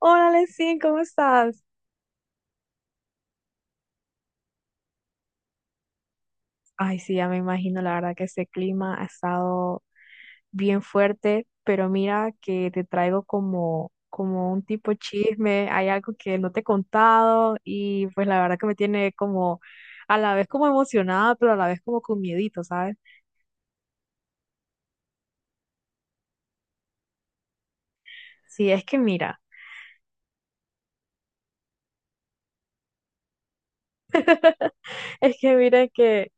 Hola, Lesin, ¿cómo estás? Ay, sí, ya me imagino, la verdad que ese clima ha estado bien fuerte, pero mira que te traigo como un tipo chisme, hay algo que no te he contado y pues la verdad que me tiene como a la vez como emocionada, pero a la vez como con miedito, ¿sabes? Sí, es que mira, es que mira que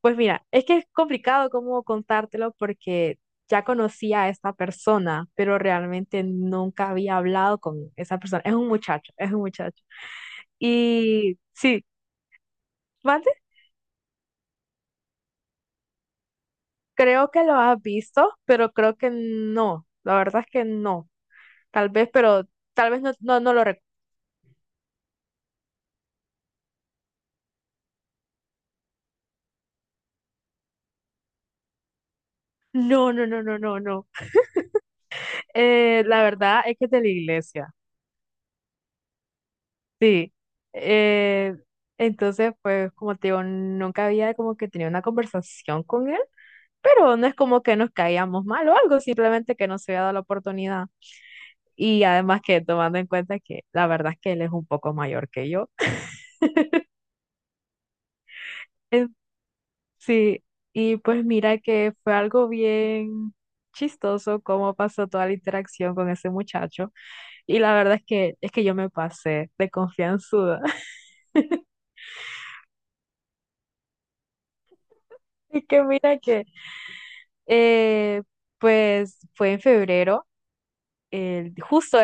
Pues mira, es que es complicado cómo contártelo porque ya conocía a esta persona, pero realmente nunca había hablado con esa persona. Es un muchacho, es un muchacho. Y sí, ¿mande? Creo que lo has visto, pero creo que no. La verdad es que no. Tal vez, pero tal vez no, no, no lo recuerdo. No, no, no, no, no, no. La verdad es que es de la iglesia. Sí, eh, entonces pues como te digo, nunca había como que tenido una conversación con él, pero no es como que nos caíamos mal o algo, simplemente que no se había dado la oportunidad. Y además que tomando en cuenta que la verdad es que él es un poco mayor que yo. Eh, Sí, y pues mira que fue algo bien chistoso cómo pasó toda la interacción con ese muchacho. Y la verdad es que yo me pasé de confianzuda. Y que mira que Eh, pues fue en febrero, justo,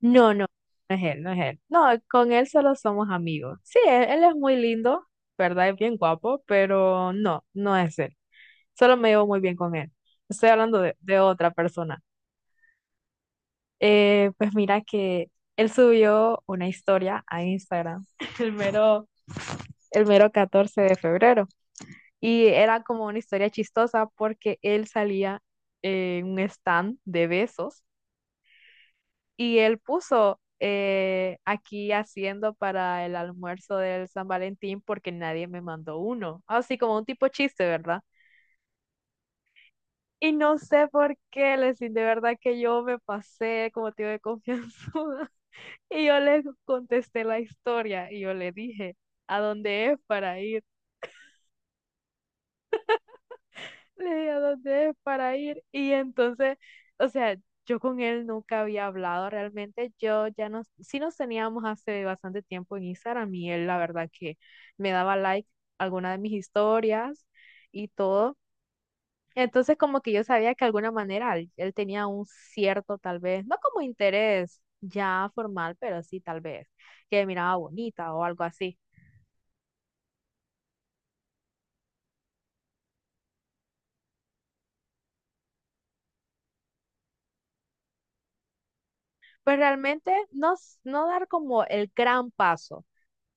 no, no, no es él, no es él. No, con él solo somos amigos. Sí, él es muy lindo, ¿verdad? Es bien guapo, pero no, no es él. Solo me llevo muy bien con él. Estoy hablando de otra persona. Pues mira que él subió una historia a Instagram el mero, el mero 14 de febrero. Y era como una historia chistosa porque él salía en un stand de besos. Y él puso aquí haciendo para el almuerzo del San Valentín porque nadie me mandó uno. Así como un tipo chiste, ¿verdad? Y no sé por qué, lesin, de verdad que yo me pasé como tío de confianzuda. Y yo le contesté la historia y yo le dije, ¿a dónde es para ir? Le di a dónde es para ir. Y entonces, o sea, yo con él nunca había hablado realmente. Yo ya nos, sí nos teníamos hace bastante tiempo en Instagram y él la verdad que me daba like a alguna de mis historias y todo. Entonces como que yo sabía que de alguna manera él tenía un cierto tal vez, no como interés ya formal, pero sí tal vez, que me miraba bonita o algo así. Pues realmente no, no dar como el gran paso,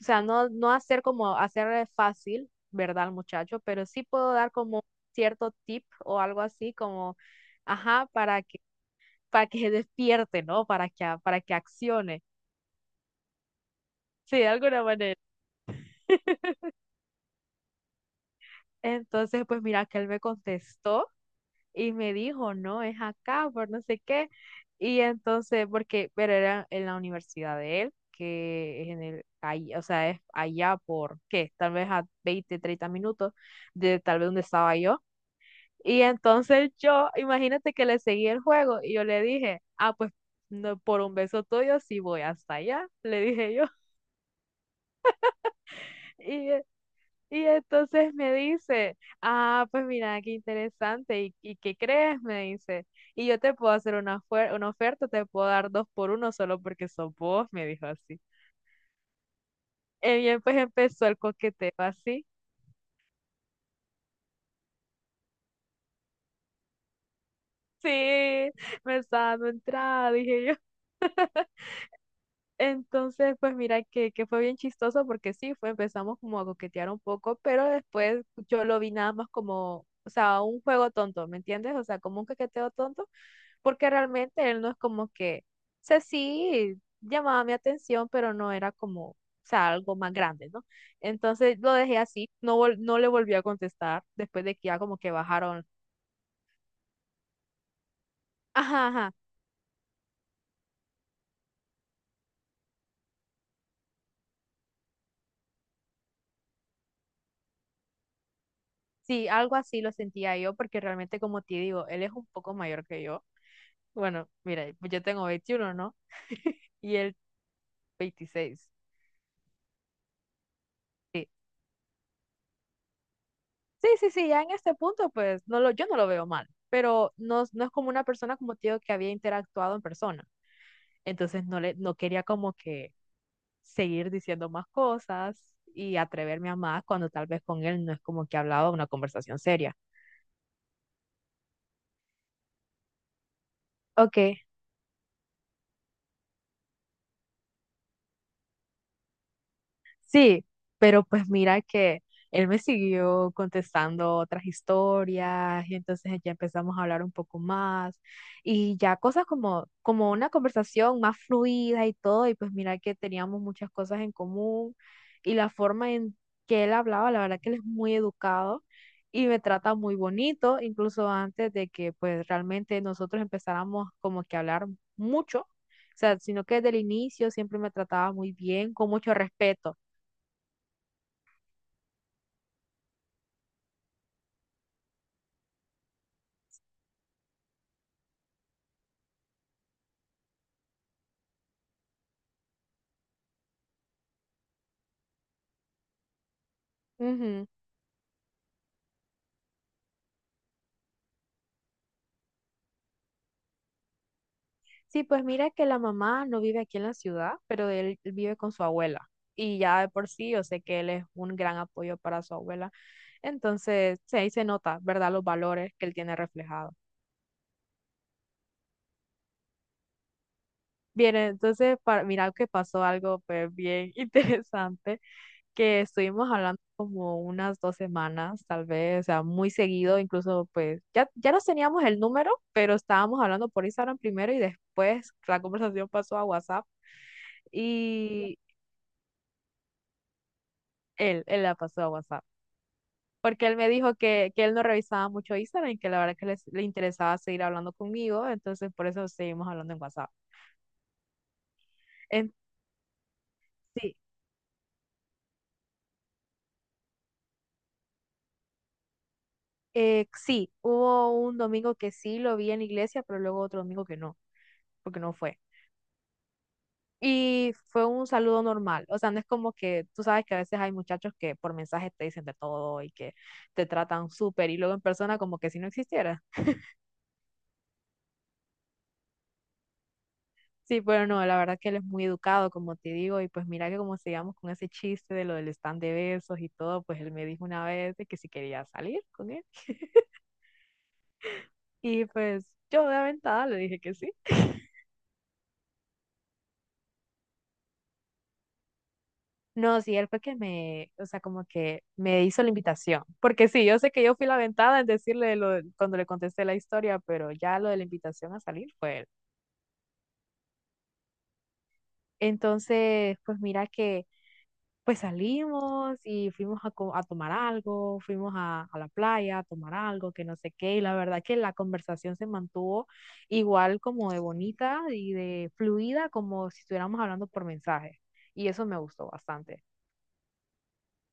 o sea, no, no hacer como hacer fácil, ¿verdad, al muchacho? Pero sí puedo dar como cierto tip o algo así como, ajá, para que se despierte, ¿no? Para que accione, sí, de alguna manera. Entonces, pues mira que él me contestó, y me dijo, no, es acá, por no sé qué. Y entonces, porque, pero era en la universidad de él, que es en el, ahí, o sea, es allá por, ¿qué? Tal vez a 20 30 minutos de tal vez donde estaba yo. Y entonces yo, imagínate que le seguí el juego y yo le dije, ah, pues no, por un beso tuyo sí voy hasta allá, le dije yo. y Y entonces me dice, ah, pues mira, qué interesante, ¿y qué crees? Me dice, y yo te puedo hacer una, una oferta, te puedo dar dos por uno solo porque sos vos, me dijo así. Y bien, pues empezó el coqueteo así. Sí, me estaba dando entrada, dije yo. Entonces, pues mira que fue bien chistoso porque sí, fue, empezamos como a coquetear un poco, pero después yo lo vi nada más como, o sea, un juego tonto, ¿me entiendes? O sea, como un coqueteo tonto, porque realmente él no es como que, o sea, sí llamaba mi atención, pero no era como, o sea, algo más grande, ¿no? Entonces lo dejé así, no, no le volví a contestar después de que ya como que bajaron, ajá, ajá, sí, algo así lo sentía yo, porque realmente como te digo, él es un poco mayor que yo. Bueno, mira, pues yo tengo 21, ¿no? Y él 26. Sí, sí, sí, sí, ya en este punto, pues no lo, yo no lo veo mal, pero no, no es como una persona como tío que había interactuado en persona. Entonces no, le, no quería como que seguir diciendo más cosas y atreverme a más cuando tal vez con él no es como que hablaba una conversación seria. Ok, sí, pero pues mira que él me siguió contestando otras historias y entonces ya empezamos a hablar un poco más y ya cosas como, como una conversación más fluida y todo, y pues mira que teníamos muchas cosas en común, y la forma en que él hablaba, la verdad que él es muy educado y me trata muy bonito, incluso antes de que pues realmente nosotros empezáramos como que a hablar mucho, o sea, sino que desde el inicio siempre me trataba muy bien, con mucho respeto. Ujú. Sí, pues mira que la mamá no vive aquí en la ciudad, pero él vive con su abuela. Y ya de por sí, yo sé que él es un gran apoyo para su abuela. Entonces, sí, ahí se nota, ¿verdad? Los valores que él tiene reflejados. Bien, entonces, para, mira que pasó algo, pues, bien interesante. Que estuvimos hablando como unas 2 semanas, tal vez, o sea, muy seguido, incluso pues ya, ya nos teníamos el número, pero estábamos hablando por Instagram primero y después la conversación pasó a WhatsApp y él la pasó a WhatsApp. Porque él me dijo que él no revisaba mucho Instagram y que la verdad que le interesaba seguir hablando conmigo, entonces por eso seguimos hablando en WhatsApp. En- sí, sí, hubo un domingo que sí lo vi en la iglesia, pero luego otro domingo que no, porque no fue. Y fue un saludo normal. O sea, no es como que tú sabes que a veces hay muchachos que por mensaje te dicen de todo y que te tratan súper y luego en persona como que si no existiera. Sí, pero no, la verdad que él es muy educado, como te digo, y pues mira que como sigamos con ese chiste de lo del stand de besos y todo, pues él me dijo una vez de que si quería salir con él. Y pues yo de aventada le dije que sí. No, sí, él fue que me, o sea, como que me hizo la invitación. Porque sí, yo sé que yo fui la aventada en decirle lo, cuando le contesté la historia, pero ya lo de la invitación a salir fue él. Entonces, pues mira que, pues salimos y fuimos a tomar algo, fuimos a la playa a tomar algo, que no sé qué, y la verdad que la conversación se mantuvo igual como de bonita y de fluida, como si estuviéramos hablando por mensaje. Y eso me gustó bastante,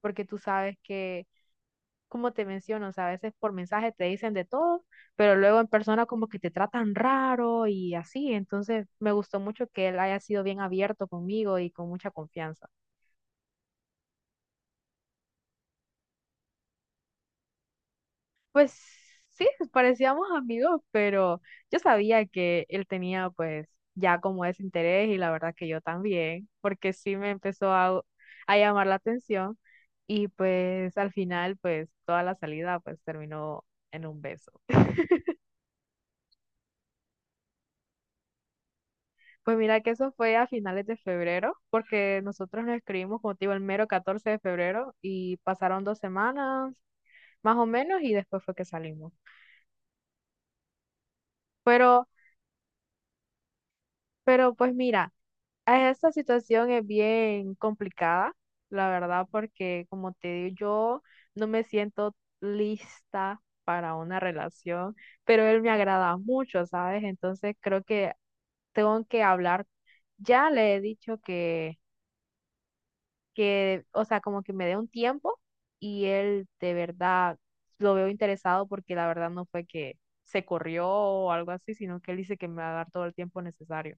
porque tú sabes que como te menciono, o sea, a veces por mensaje te dicen de todo, pero luego en persona como que te tratan raro y así. Entonces me gustó mucho que él haya sido bien abierto conmigo y con mucha confianza. Pues sí, parecíamos amigos, pero yo sabía que él tenía pues ya como ese interés y la verdad que yo también, porque sí me empezó a llamar la atención y pues al final pues toda la salida pues terminó en un beso. Pues mira que eso fue a finales de febrero, porque nosotros nos escribimos, como te digo, el mero 14 de febrero y pasaron 2 semanas más o menos y después fue que salimos. Pero, pero pues mira, esta situación es bien complicada, la verdad, porque como te digo, yo no me siento lista para una relación, pero él me agrada mucho, ¿sabes? Entonces creo que tengo que hablar. Ya le he dicho que, o sea, como que me dé un tiempo y él de verdad lo veo interesado porque la verdad no fue que se corrió o algo así, sino que él dice que me va a dar todo el tiempo necesario.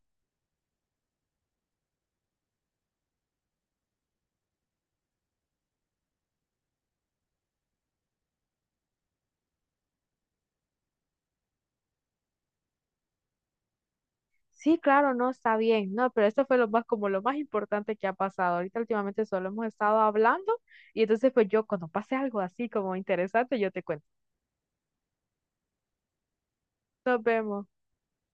Sí, claro, no, está bien, no, pero esto fue lo más, como lo más importante que ha pasado. Ahorita últimamente solo hemos estado hablando y entonces pues yo cuando pase algo así como interesante, yo te cuento. Nos vemos.